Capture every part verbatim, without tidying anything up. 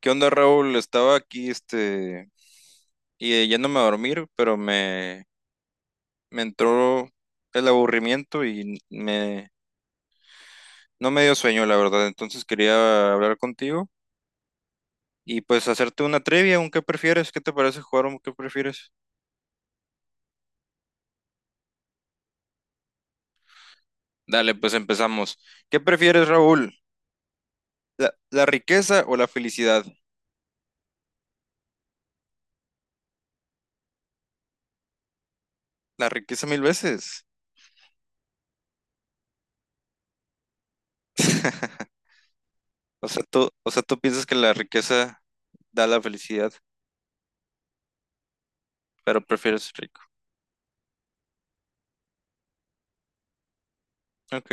¿Qué onda, Raúl? Estaba aquí, este, y eh, yéndome a dormir. Pero me, me entró el aburrimiento, y me, no me dio sueño, la verdad. Entonces quería hablar contigo y pues hacerte una trivia, un qué prefieres, qué te parece jugar un qué prefieres. Dale, pues empezamos. ¿Qué prefieres, Raúl? ¿La, la riqueza o la felicidad? La riqueza mil veces. O sea, tú, o sea, tú piensas que la riqueza da la felicidad, pero prefieres rico. Ok.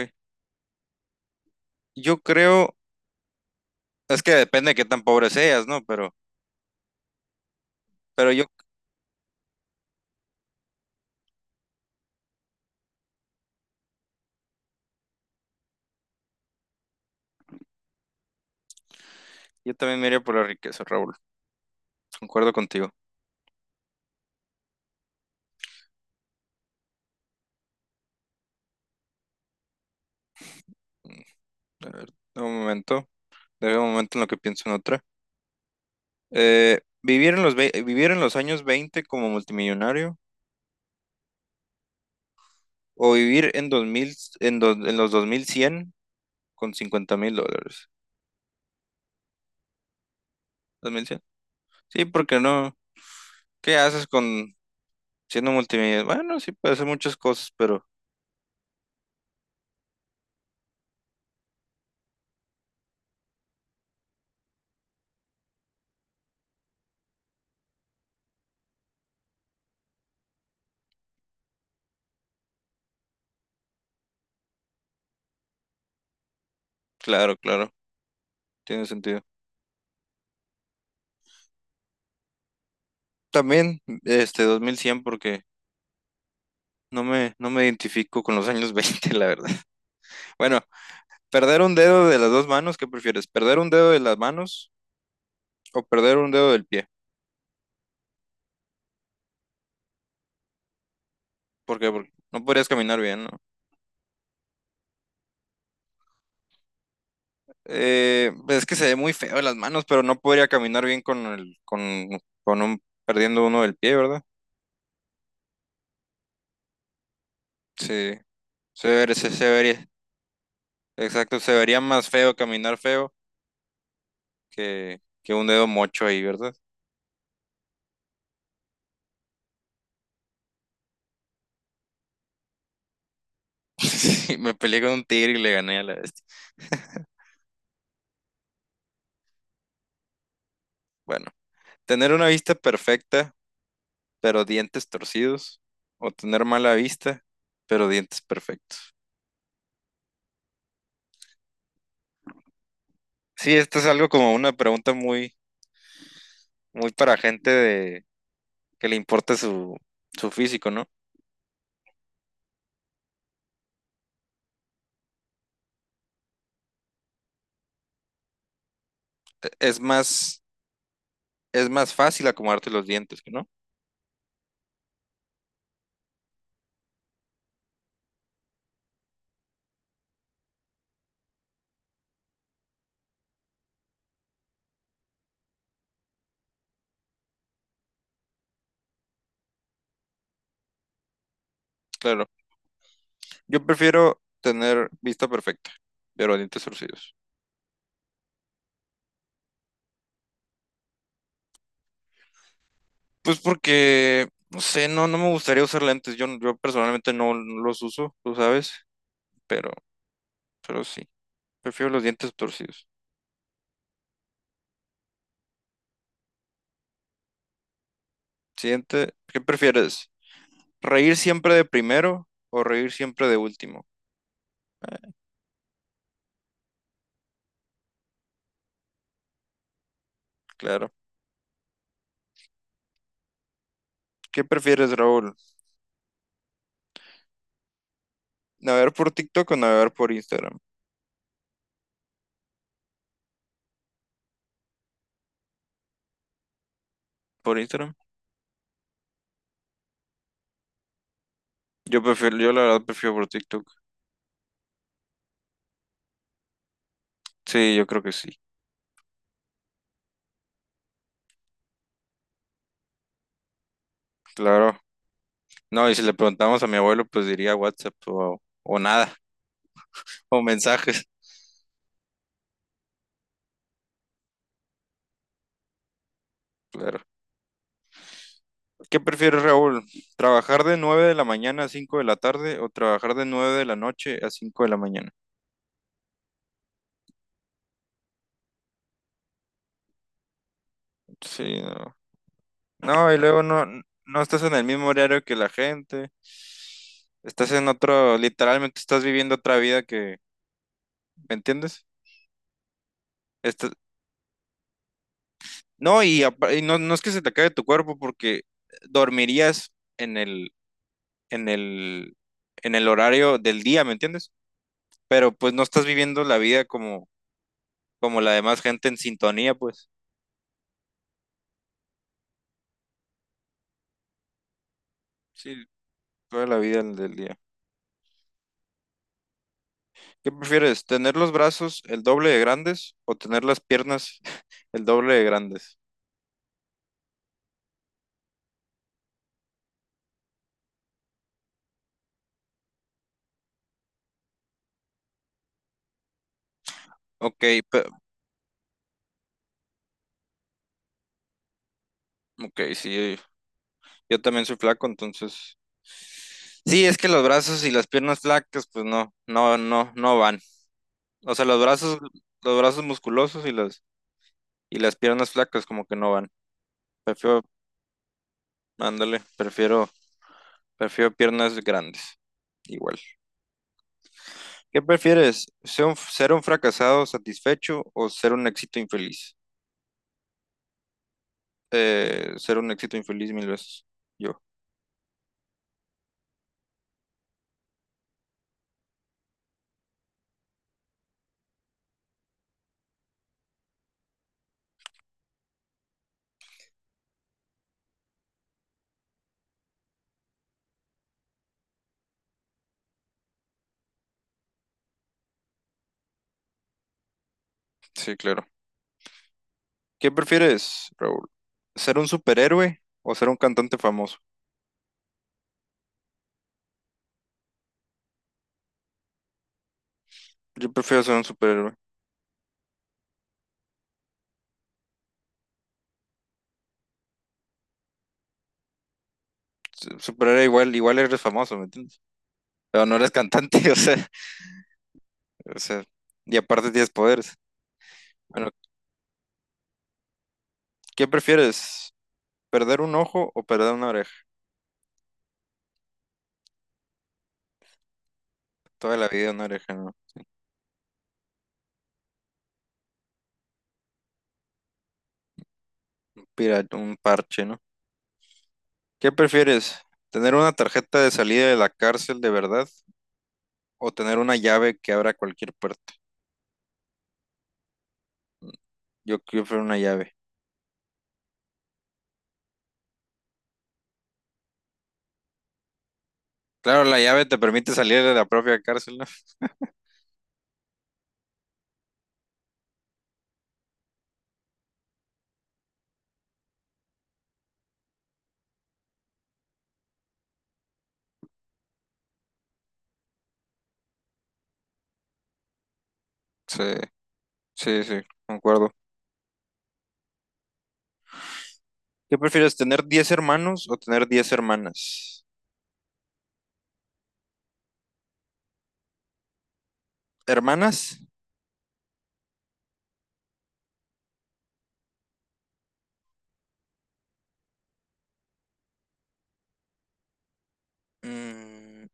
Yo creo Es que depende de qué tan pobre seas, ¿no? Pero, pero yo, yo también me iría por la riqueza, Raúl. Concuerdo contigo. Mm, A ver, dame un momento. Dame un momento en lo que pienso en otra. Eh, ¿vivir en los, ve- vivir en los años veinte como multimillonario o vivir en dos mil en, dos- en los dos mil cien con cincuenta mil dólares? Dos mil cien. Sí, porque no. ¿Qué haces con siendo multimillonario? Bueno, sí, puedes hacer muchas cosas, pero claro, claro, tiene sentido. También, este, dos mil cien, porque No me, no me identifico con los años veinte, la verdad. Bueno, perder un dedo de las dos manos. ¿Qué prefieres? ¿Perder un dedo de las manos o perder un dedo del pie? ¿Por qué? Porque no podrías caminar bien, ¿no? Eh, pues es que se ve muy feo las manos, pero no podría caminar bien con el, con, con un, perdiendo uno del pie, ¿verdad? Sí, se vería, se, se vería, exacto, se vería más feo caminar feo que, que un dedo mocho ahí, ¿verdad? Sí, me peleé con un tigre y le gané a la bestia. Bueno, tener una vista perfecta pero dientes torcidos, o tener mala vista, pero dientes perfectos. Sí, esto es algo como una pregunta muy, muy para gente de que le importa su, su físico, ¿no? Es más, es más fácil acomodarte los dientes, ¿no? Claro. Yo prefiero tener vista perfecta, pero dientes torcidos. Pues porque, no sé, no, no me gustaría usar lentes. Yo, yo personalmente no, no los uso, tú sabes, pero, pero sí. Prefiero los dientes torcidos. Siguiente, ¿qué prefieres? ¿Reír siempre de primero o reír siempre de último? Claro. ¿Qué prefieres, Raúl? ¿Navegar por TikTok o navegar por Instagram? ¿Por Instagram? Yo prefiero, yo la verdad prefiero por TikTok. Sí, yo creo que sí. Claro. No, y si le preguntamos a mi abuelo, pues diría WhatsApp o, o nada, o mensajes. Claro. ¿Qué prefieres, Raúl? ¿Trabajar de nueve de la mañana a cinco de la tarde o trabajar de nueve de la noche a cinco de la mañana? Sí, no, No, y luego no, no estás en el mismo horario que la gente. Estás en otro, literalmente estás viviendo otra vida que, ¿me entiendes? Estás- no, y, apa- y no, no es que se te acabe tu cuerpo, porque dormirías en el, en el, en el horario del día, ¿me entiendes? Pero pues no estás viviendo la vida como, como la demás gente en sintonía, pues. Sí, toda la vida del del día. ¿Qué prefieres, tener los brazos el doble de grandes o tener las piernas el doble de grandes? Ok, pe- ok, sí, yo también soy flaco, entonces. Sí, es que los brazos y las piernas flacas, pues no, no, no, no van. O sea, los brazos, los brazos musculosos y las y las piernas flacas como que no van. Prefiero, ándale, prefiero, prefiero piernas grandes. Igual. ¿Qué prefieres? ¿Ser un, ser un fracasado satisfecho o ser un éxito infeliz? Eh, ser un éxito infeliz mil veces. Yo, sí, claro. ¿Qué prefieres, Raúl? ¿Ser un superhéroe o ser un cantante famoso? Yo prefiero ser un superhéroe. Su- Superhéroe, igual, igual eres famoso, ¿me entiendes? Pero no eres cantante, o sea, o sea, y aparte tienes poderes. Bueno, ¿qué prefieres? ¿Perder un ojo o perder una oreja? Toda la vida una oreja, ¿no? Pira, un parche, ¿no? ¿Qué prefieres? ¿Tener una tarjeta de salida de la cárcel de verdad o tener una llave que abra cualquier puerta? Yo prefiero una llave. Claro, la llave te permite salir de la propia cárcel, ¿no? Sí, sí, sí, concuerdo. ¿Qué prefieres, tener diez hermanos o tener diez hermanas? ¿Hermanas? Mm,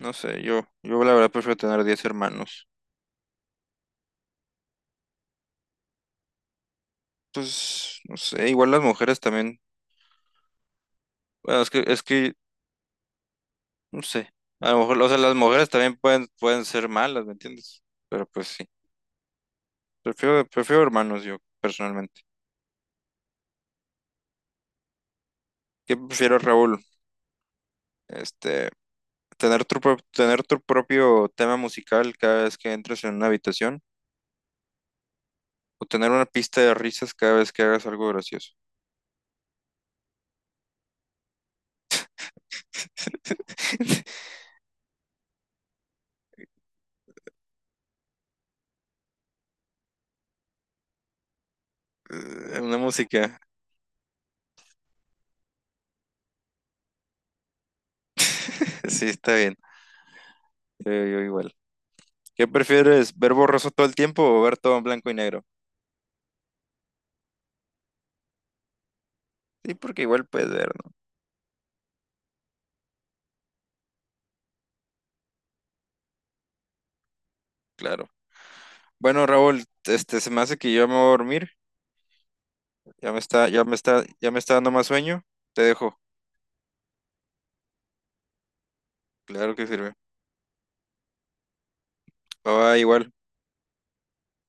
no sé, yo, yo la verdad prefiero tener diez hermanos. Pues, no sé, igual las mujeres también. Bueno, es que, es que, no sé. A lo mejor, o sea, las mujeres también pueden, pueden ser malas, ¿me entiendes? Pero pues sí. Prefiero, prefiero hermanos yo, personalmente. ¿Qué prefiero, Raúl? Este, tener tu, pro- tener tu propio tema musical cada vez que entres en una habitación o tener una pista de risas cada vez que hagas algo gracioso. Una música. Sí, está bien. Yo, yo igual. ¿Qué prefieres, ver borroso todo el tiempo o ver todo en blanco y negro? Sí, porque igual puedes ver, ¿no? Claro. Bueno, Raúl, este, se me hace que yo me voy a dormir. Ya me está, ya me está, ya me está dando más sueño. Te dejo. Claro que sirve. Bye, bye, igual.